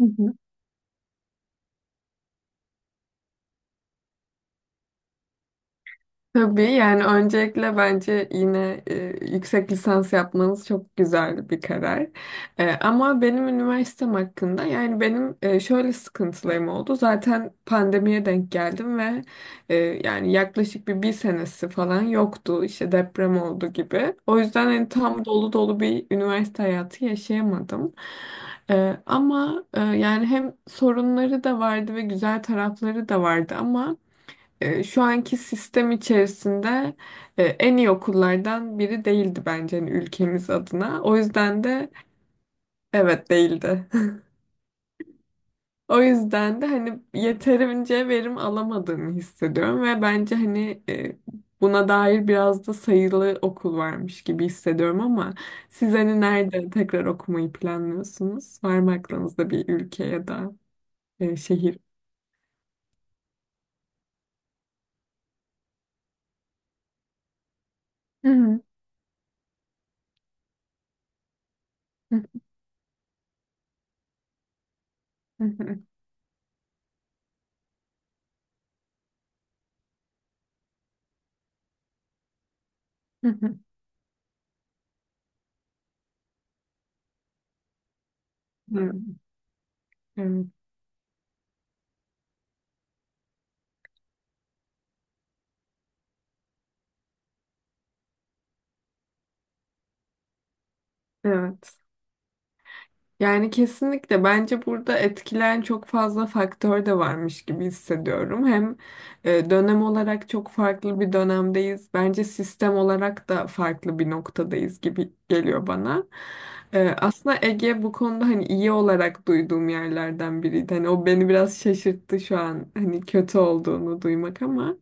Hı hı. Tabii yani öncelikle bence yine yüksek lisans yapmanız çok güzel bir karar. Ama benim üniversitem hakkında yani benim şöyle sıkıntılarım oldu. Zaten pandemiye denk geldim ve yani yaklaşık bir senesi falan yoktu. İşte deprem oldu gibi. O yüzden hani tam dolu dolu bir üniversite hayatı yaşayamadım. Ama yani hem sorunları da vardı ve güzel tarafları da vardı ama şu anki sistem içerisinde en iyi okullardan biri değildi bence hani ülkemiz adına. O yüzden de evet değildi. O yüzden de hani yeterince verim alamadığımı hissediyorum ve bence hani buna dair biraz da sayılı okul varmış gibi hissediyorum ama siz hani nerede tekrar okumayı planlıyorsunuz? Var mı aklınızda bir ülke ya da şehir? Hı hı, hı hı, hı hı, hı hı. Evet. Yani kesinlikle bence burada etkileyen çok fazla faktör de varmış gibi hissediyorum. Hem dönem olarak çok farklı bir dönemdeyiz. Bence sistem olarak da farklı bir noktadayız gibi geliyor bana. Aslında Ege bu konuda hani iyi olarak duyduğum yerlerden biriydi. Hani o beni biraz şaşırttı şu an hani kötü olduğunu duymak ama.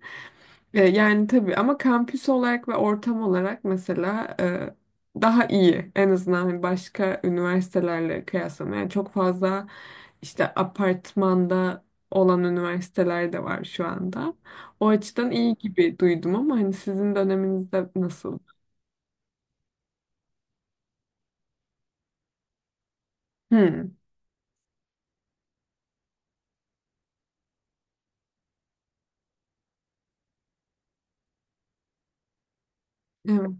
Yani tabii ama kampüs olarak ve ortam olarak mesela daha iyi. En azından hani başka üniversitelerle kıyaslamaya. Yani çok fazla işte apartmanda olan üniversiteler de var şu anda. O açıdan iyi gibi duydum ama hani sizin döneminizde nasıl? Hmm. Evet.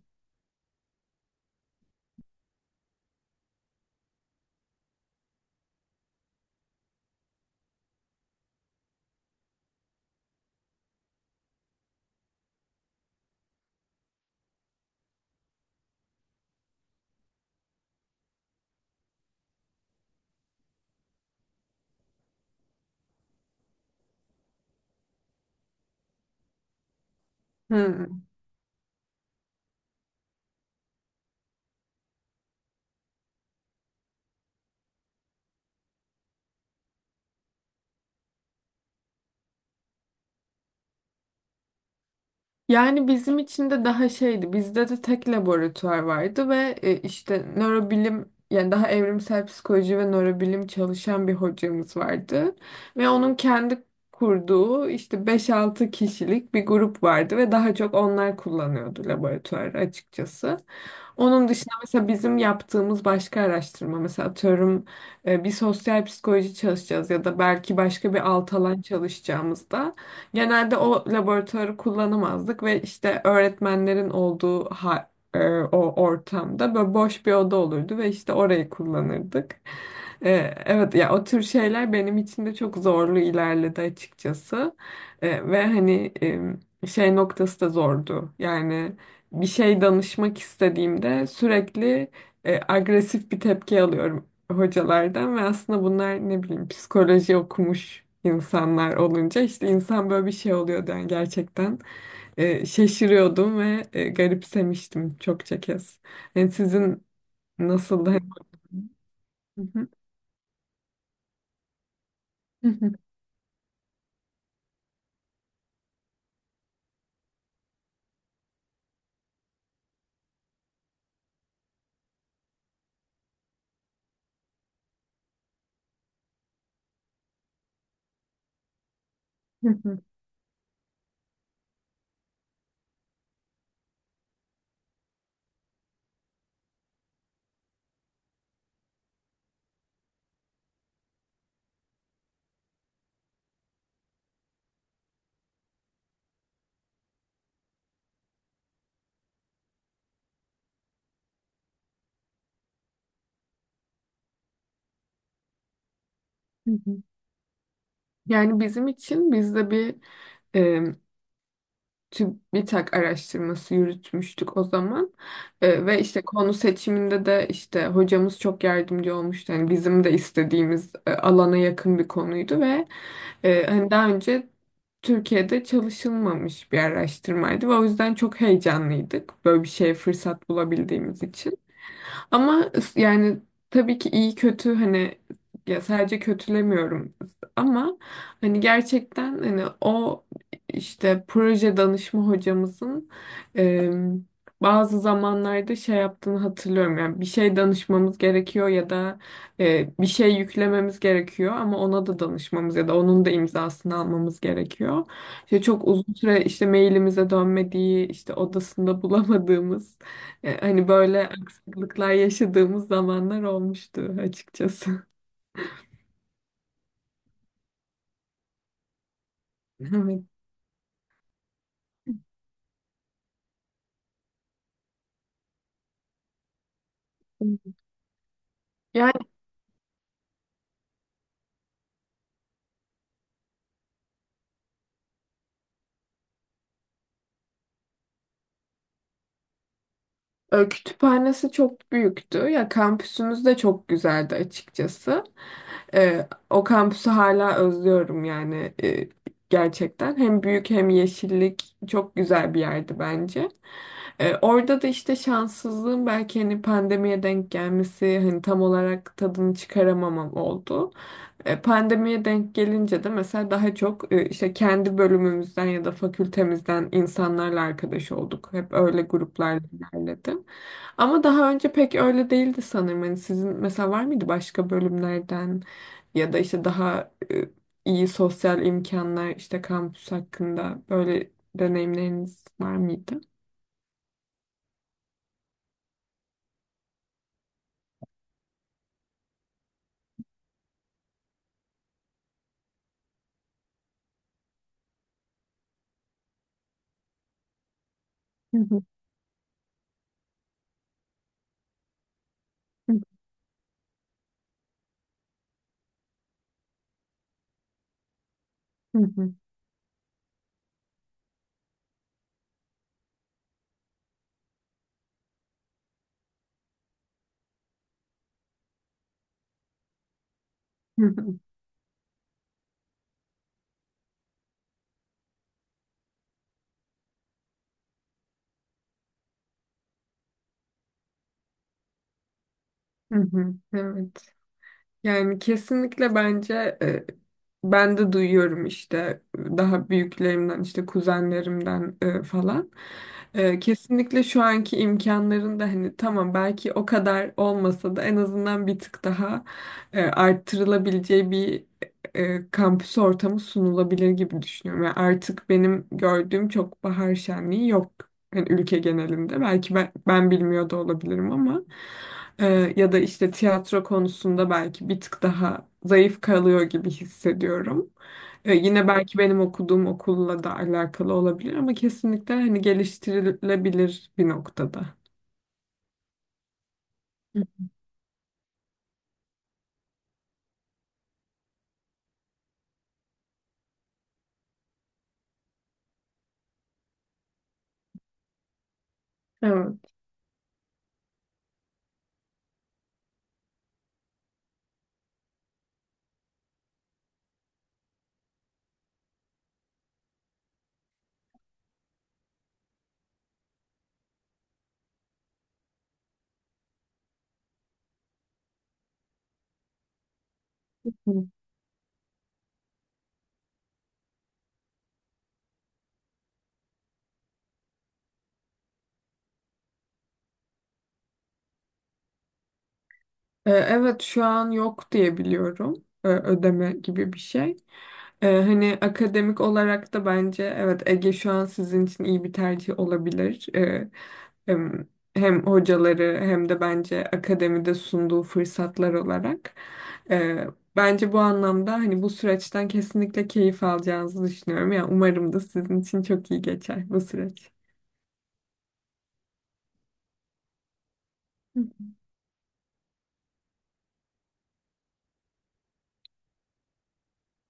Hmm. Yani bizim için de daha şeydi. Bizde de tek laboratuvar vardı ve işte nörobilim yani daha evrimsel psikoloji ve nörobilim çalışan bir hocamız vardı. Ve onun kendi kurduğu işte beş-altı kişilik bir grup vardı ve daha çok onlar kullanıyordu laboratuvarı açıkçası. Onun dışında mesela bizim yaptığımız başka araştırma mesela atıyorum bir sosyal psikoloji çalışacağız ya da belki başka bir alt alan çalışacağımızda genelde o laboratuvarı kullanamazdık ve işte öğretmenlerin olduğu o ortamda böyle boş bir oda olurdu ve işte orayı kullanırdık. E, evet ya, o tür şeyler benim için de çok zorlu ilerledi açıkçası. Ve hani şey noktası da zordu. Yani bir şey danışmak istediğimde sürekli agresif bir tepki alıyorum hocalardan ve aslında bunlar ne bileyim psikoloji okumuş insanlar olunca işte insan böyle bir şey oluyordu yani gerçekten şaşırıyordum ve garipsemiştim çokça kez. Yani sizin nasıldı? Hani yani bizim için biz de bir e, TÜBİTAK araştırması yürütmüştük o zaman. Ve işte konu seçiminde de işte hocamız çok yardımcı olmuştu. Yani bizim de istediğimiz alana yakın bir konuydu ve hani daha önce Türkiye'de çalışılmamış bir araştırmaydı ve o yüzden çok heyecanlıydık böyle bir şeye fırsat bulabildiğimiz için. Ama yani tabii ki iyi kötü hani, ya sadece kötülemiyorum ama hani gerçekten hani o işte proje danışma hocamızın e, bazı zamanlarda şey yaptığını hatırlıyorum. Yani bir şey danışmamız gerekiyor ya da bir şey yüklememiz gerekiyor ama ona da danışmamız ya da onun da imzasını almamız gerekiyor. İşte çok uzun süre işte mailimize dönmediği, işte odasında bulamadığımız hani böyle sıkıntılar yaşadığımız zamanlar olmuştu açıkçası. Evet. Ya, kütüphanesi çok büyüktü. Ya kampüsümüz de çok güzeldi açıkçası. O kampüsü hala özlüyorum yani gerçekten. Hem büyük hem yeşillik çok güzel bir yerdi bence. Orada da işte şanssızlığım belki hani pandemiye denk gelmesi hani tam olarak tadını çıkaramamam oldu. Pandemiye denk gelince de mesela daha çok işte kendi bölümümüzden ya da fakültemizden insanlarla arkadaş olduk. Hep öyle gruplarla ilerledi. Ama daha önce pek öyle değildi sanırım. Hani sizin mesela var mıydı başka bölümlerden ya da işte daha iyi sosyal imkanlar işte kampüs hakkında böyle deneyimleriniz var mıydı? Hı hı, hı hı, hı hı, hı hı, hı hı. Evet. Yani kesinlikle bence ben de duyuyorum işte daha büyüklerimden işte kuzenlerimden falan. Kesinlikle şu anki imkanların da hani tamam belki o kadar olmasa da en azından bir tık daha arttırılabileceği bir kampüs ortamı sunulabilir gibi düşünüyorum. Yani artık benim gördüğüm çok bahar şenliği yok hani ülke genelinde belki ben bilmiyor da olabilirim ama e, ya da işte tiyatro konusunda belki bir tık daha zayıf kalıyor gibi hissediyorum. Yine belki benim okuduğum okulla da alakalı olabilir ama kesinlikle hani geliştirilebilir bir noktada. Hı. Evet. Hı. Evet, şu an yok diye biliyorum ödeme gibi bir şey. Hani akademik olarak da bence evet Ege şu an sizin için iyi bir tercih olabilir. Hem, Hem hocaları hem de bence akademide sunduğu fırsatlar olarak. Ee, Bence bu anlamda hani bu süreçten kesinlikle keyif alacağınızı düşünüyorum. Yani umarım da sizin için çok iyi geçer bu süreç.